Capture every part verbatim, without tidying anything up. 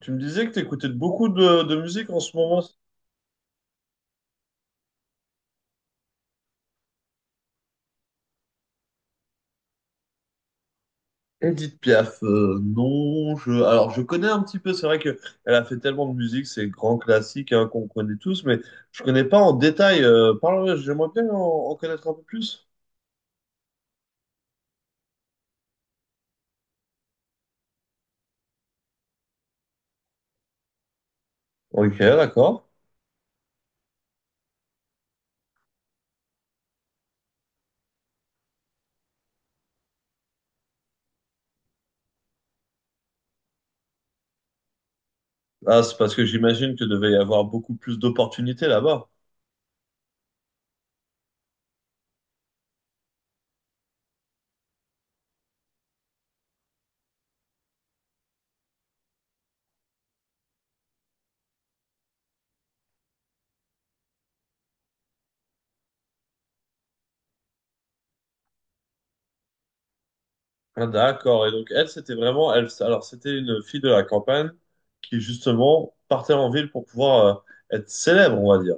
Tu me disais que tu écoutais beaucoup de, de musique en ce moment. Edith Piaf, euh, non, je, alors je connais un petit peu, c'est vrai que elle a fait tellement de musique, c'est grand classique hein, qu'on connaît tous, mais je connais pas en détail. Euh, parle, ouais, j'aimerais bien en, en connaître un peu plus. Ok, d'accord. Ah, c'est parce que j'imagine que devait y avoir beaucoup plus d'opportunités là-bas. Ah, d'accord. Et donc elle, c'était vraiment, elle, alors c'était une fille de la campagne qui justement partait en ville pour pouvoir euh, être célèbre, on va dire.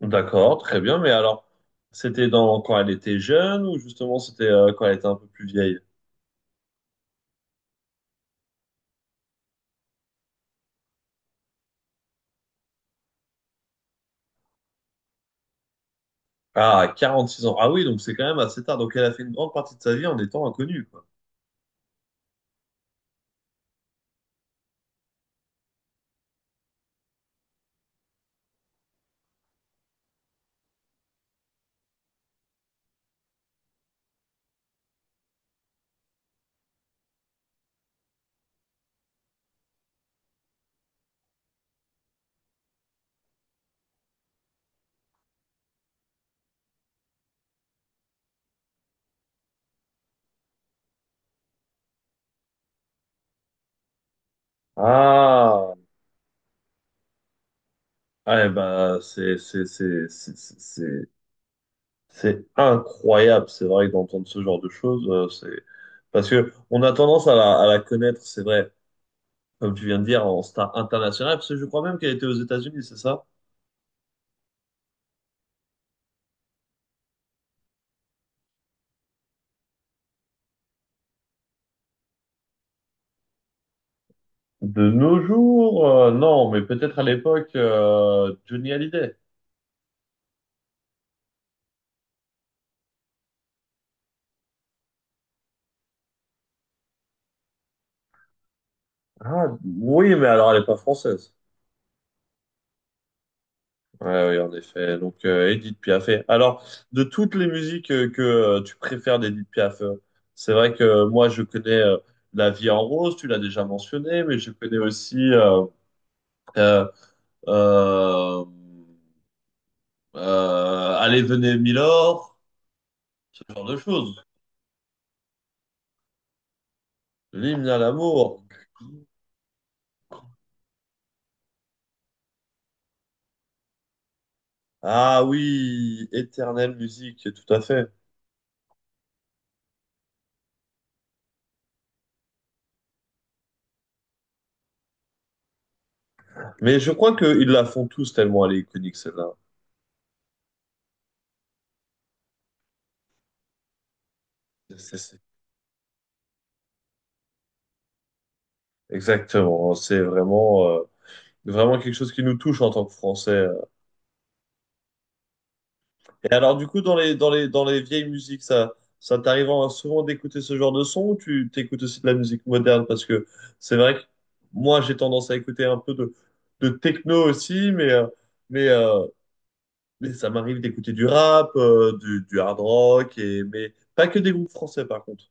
D'accord, très bien. Mais alors, c'était dans quand elle était jeune ou justement c'était euh, quand elle était un peu plus vieille? Ah, quarante-six ans. Ah oui, donc c'est quand même assez tard. Donc elle a fait une grande partie de sa vie en étant inconnue, quoi. Ah, ouais, bah c'est c'est c'est c'est c'est c'est- c'est incroyable. C'est vrai d'entendre ce genre de choses, euh, c'est parce que on a tendance à la à la connaître, c'est vrai, comme tu viens de dire, en star internationale. Parce que je crois même qu'elle était aux États-Unis, c'est ça? De nos jours, euh, non, mais peut-être à l'époque, euh, Johnny Hallyday. Ah, oui, mais alors elle n'est pas française. Ouais, oui, en effet. Donc, euh, Edith Piaf. Alors, de toutes les musiques euh, que euh, tu préfères d'Edith Piaf, euh, c'est vrai que euh, moi, je connais euh, La vie en rose, tu l'as déjà mentionné, mais je connais aussi euh, euh, euh, euh, Allez, venez, Milord, ce genre de choses. L'hymne à l'amour. Ah oui, éternelle musique, tout à fait. Mais je crois qu'ils la font tous tellement elle est iconique, celle-là. C'est- c'est- Exactement, c'est vraiment, euh, vraiment quelque chose qui nous touche en tant que Français. Et alors, du coup, dans les, dans les, dans les vieilles musiques, ça, ça t'arrive en- souvent d'écouter ce genre de son ou tu t'écoutes aussi de la musique moderne? Parce que c'est vrai que moi, j'ai tendance à écouter un peu de, de techno aussi, mais, euh, mais, euh, mais ça m'arrive d'écouter du rap, euh, du, du hard rock, et, mais pas que des groupes français, par contre.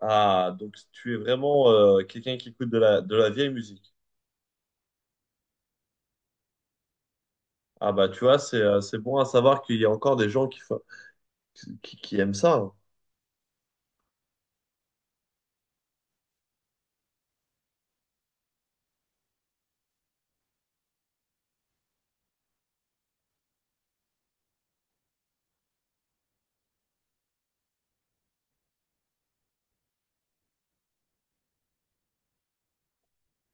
Ah, donc tu es vraiment euh, quelqu'un qui écoute de la, de la vieille musique. Ah bah tu vois, c'est euh, c'est bon à savoir qu'il y a encore des gens qui, fo- qui, qui aiment ça. Hein.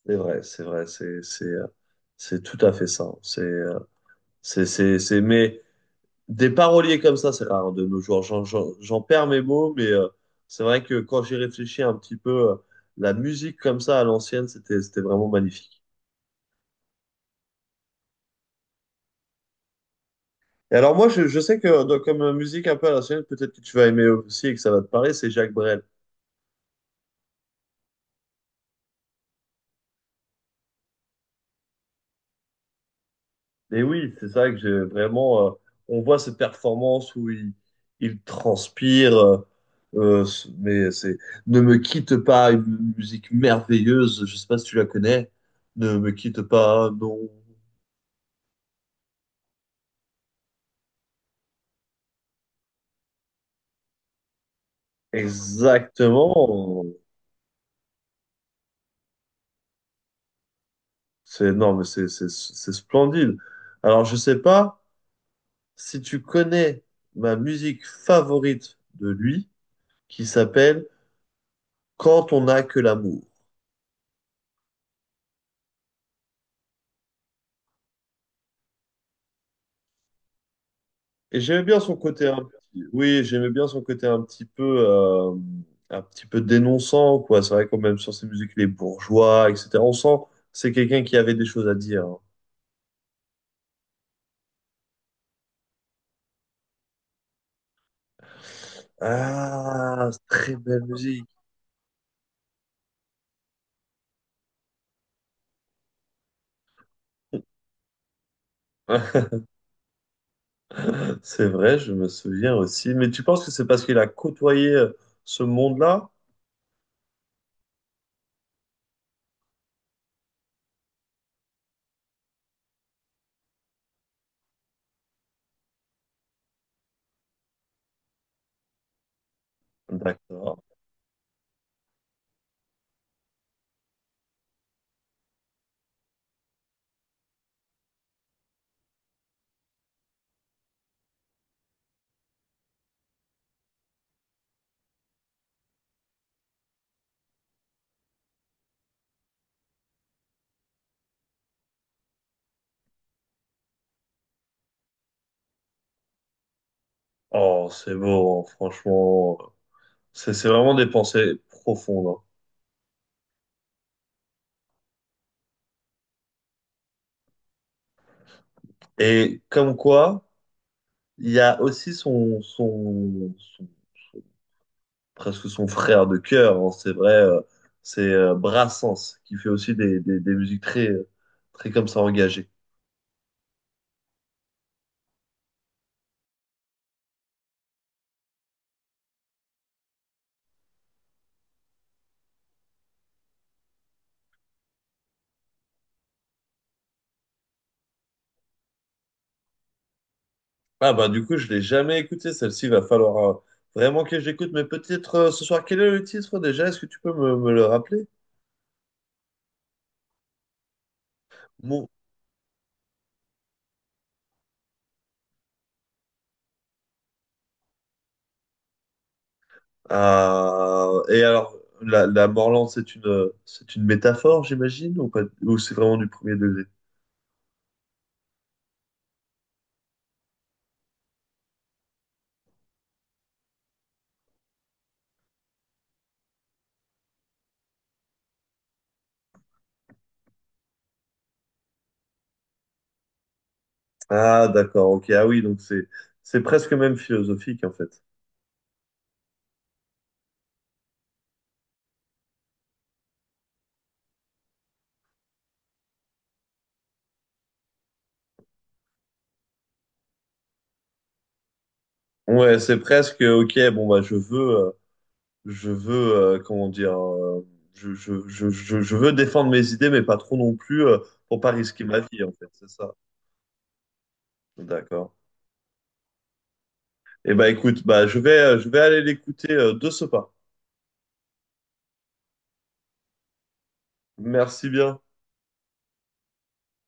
C'est vrai, c'est vrai, c'est c'est euh, c'est tout à fait ça. Hein. C'est euh, c'est c'est c'est mais des paroliers comme ça, c'est rare de nos jours. J'en j'en- j'en perds mes mots, mais euh, c'est vrai que quand j'y réfléchis un petit peu, euh, la musique comme ça à l'ancienne, c'était c'était vraiment magnifique. Et alors moi, je, je sais que donc, comme musique un peu à l'ancienne, peut-être que tu vas aimer aussi et que ça va te parler, c'est Jacques Brel. Et oui, c'est ça que j'ai vraiment. Euh, on voit ces performances où il, il transpire, euh, euh, c- mais c'est Ne me quitte pas, une musique merveilleuse. Je sais pas si tu la connais. Ne me quitte pas, non. Exactement. C'est non, mais c'est c'est c'est splendide. Alors je sais pas si tu connais ma musique favorite de lui, qui s'appelle Quand on n'a que l'amour. Et j'aimais bien son côté un petit- oui, j'aimais bien son côté un petit peu euh, un petit peu dénonçant quoi. C'est vrai quand même sur ses musiques les bourgeois, et cetera. On sent que c'est quelqu'un qui avait des choses à dire. Hein. Ah, très belle musique. C'est vrai, je me souviens aussi. Mais tu penses que c'est parce qu'il a côtoyé euh, ce monde-là? D'accord. Oh, c'est beau, hein, franchement. C'est c'est vraiment des pensées profondes. Hein. Et comme quoi, il y a aussi son, son, son- son- presque son frère de cœur, hein, c'est vrai, euh, c'est euh, Brassens, qui fait aussi des, des, des musiques très, euh, très comme ça engagées. Ah bah du coup, je l'ai jamais écouté, celle-ci, il va falloir euh, vraiment que j'écoute, mais peut-être euh, ce soir, quel est le titre déjà? Est-ce que tu peux me, me le rappeler? Mon... Ah, et alors, la, la Morland, c'est une, euh, c'est une métaphore, j'imagine, ou pas, ou c'est vraiment du premier degré? Ah d'accord, ok, ah oui, donc c'est, c'est presque même philosophique en fait. Ouais, c'est presque OK, bon bah je veux euh, je veux euh, comment dire euh, je, je, je, je, je veux défendre mes idées mais pas trop non plus euh, pour pas risquer ma vie en fait, c'est ça. D'accord. Eh bah écoute, bah je vais euh, je vais aller l'écouter euh, de ce pas. Merci bien.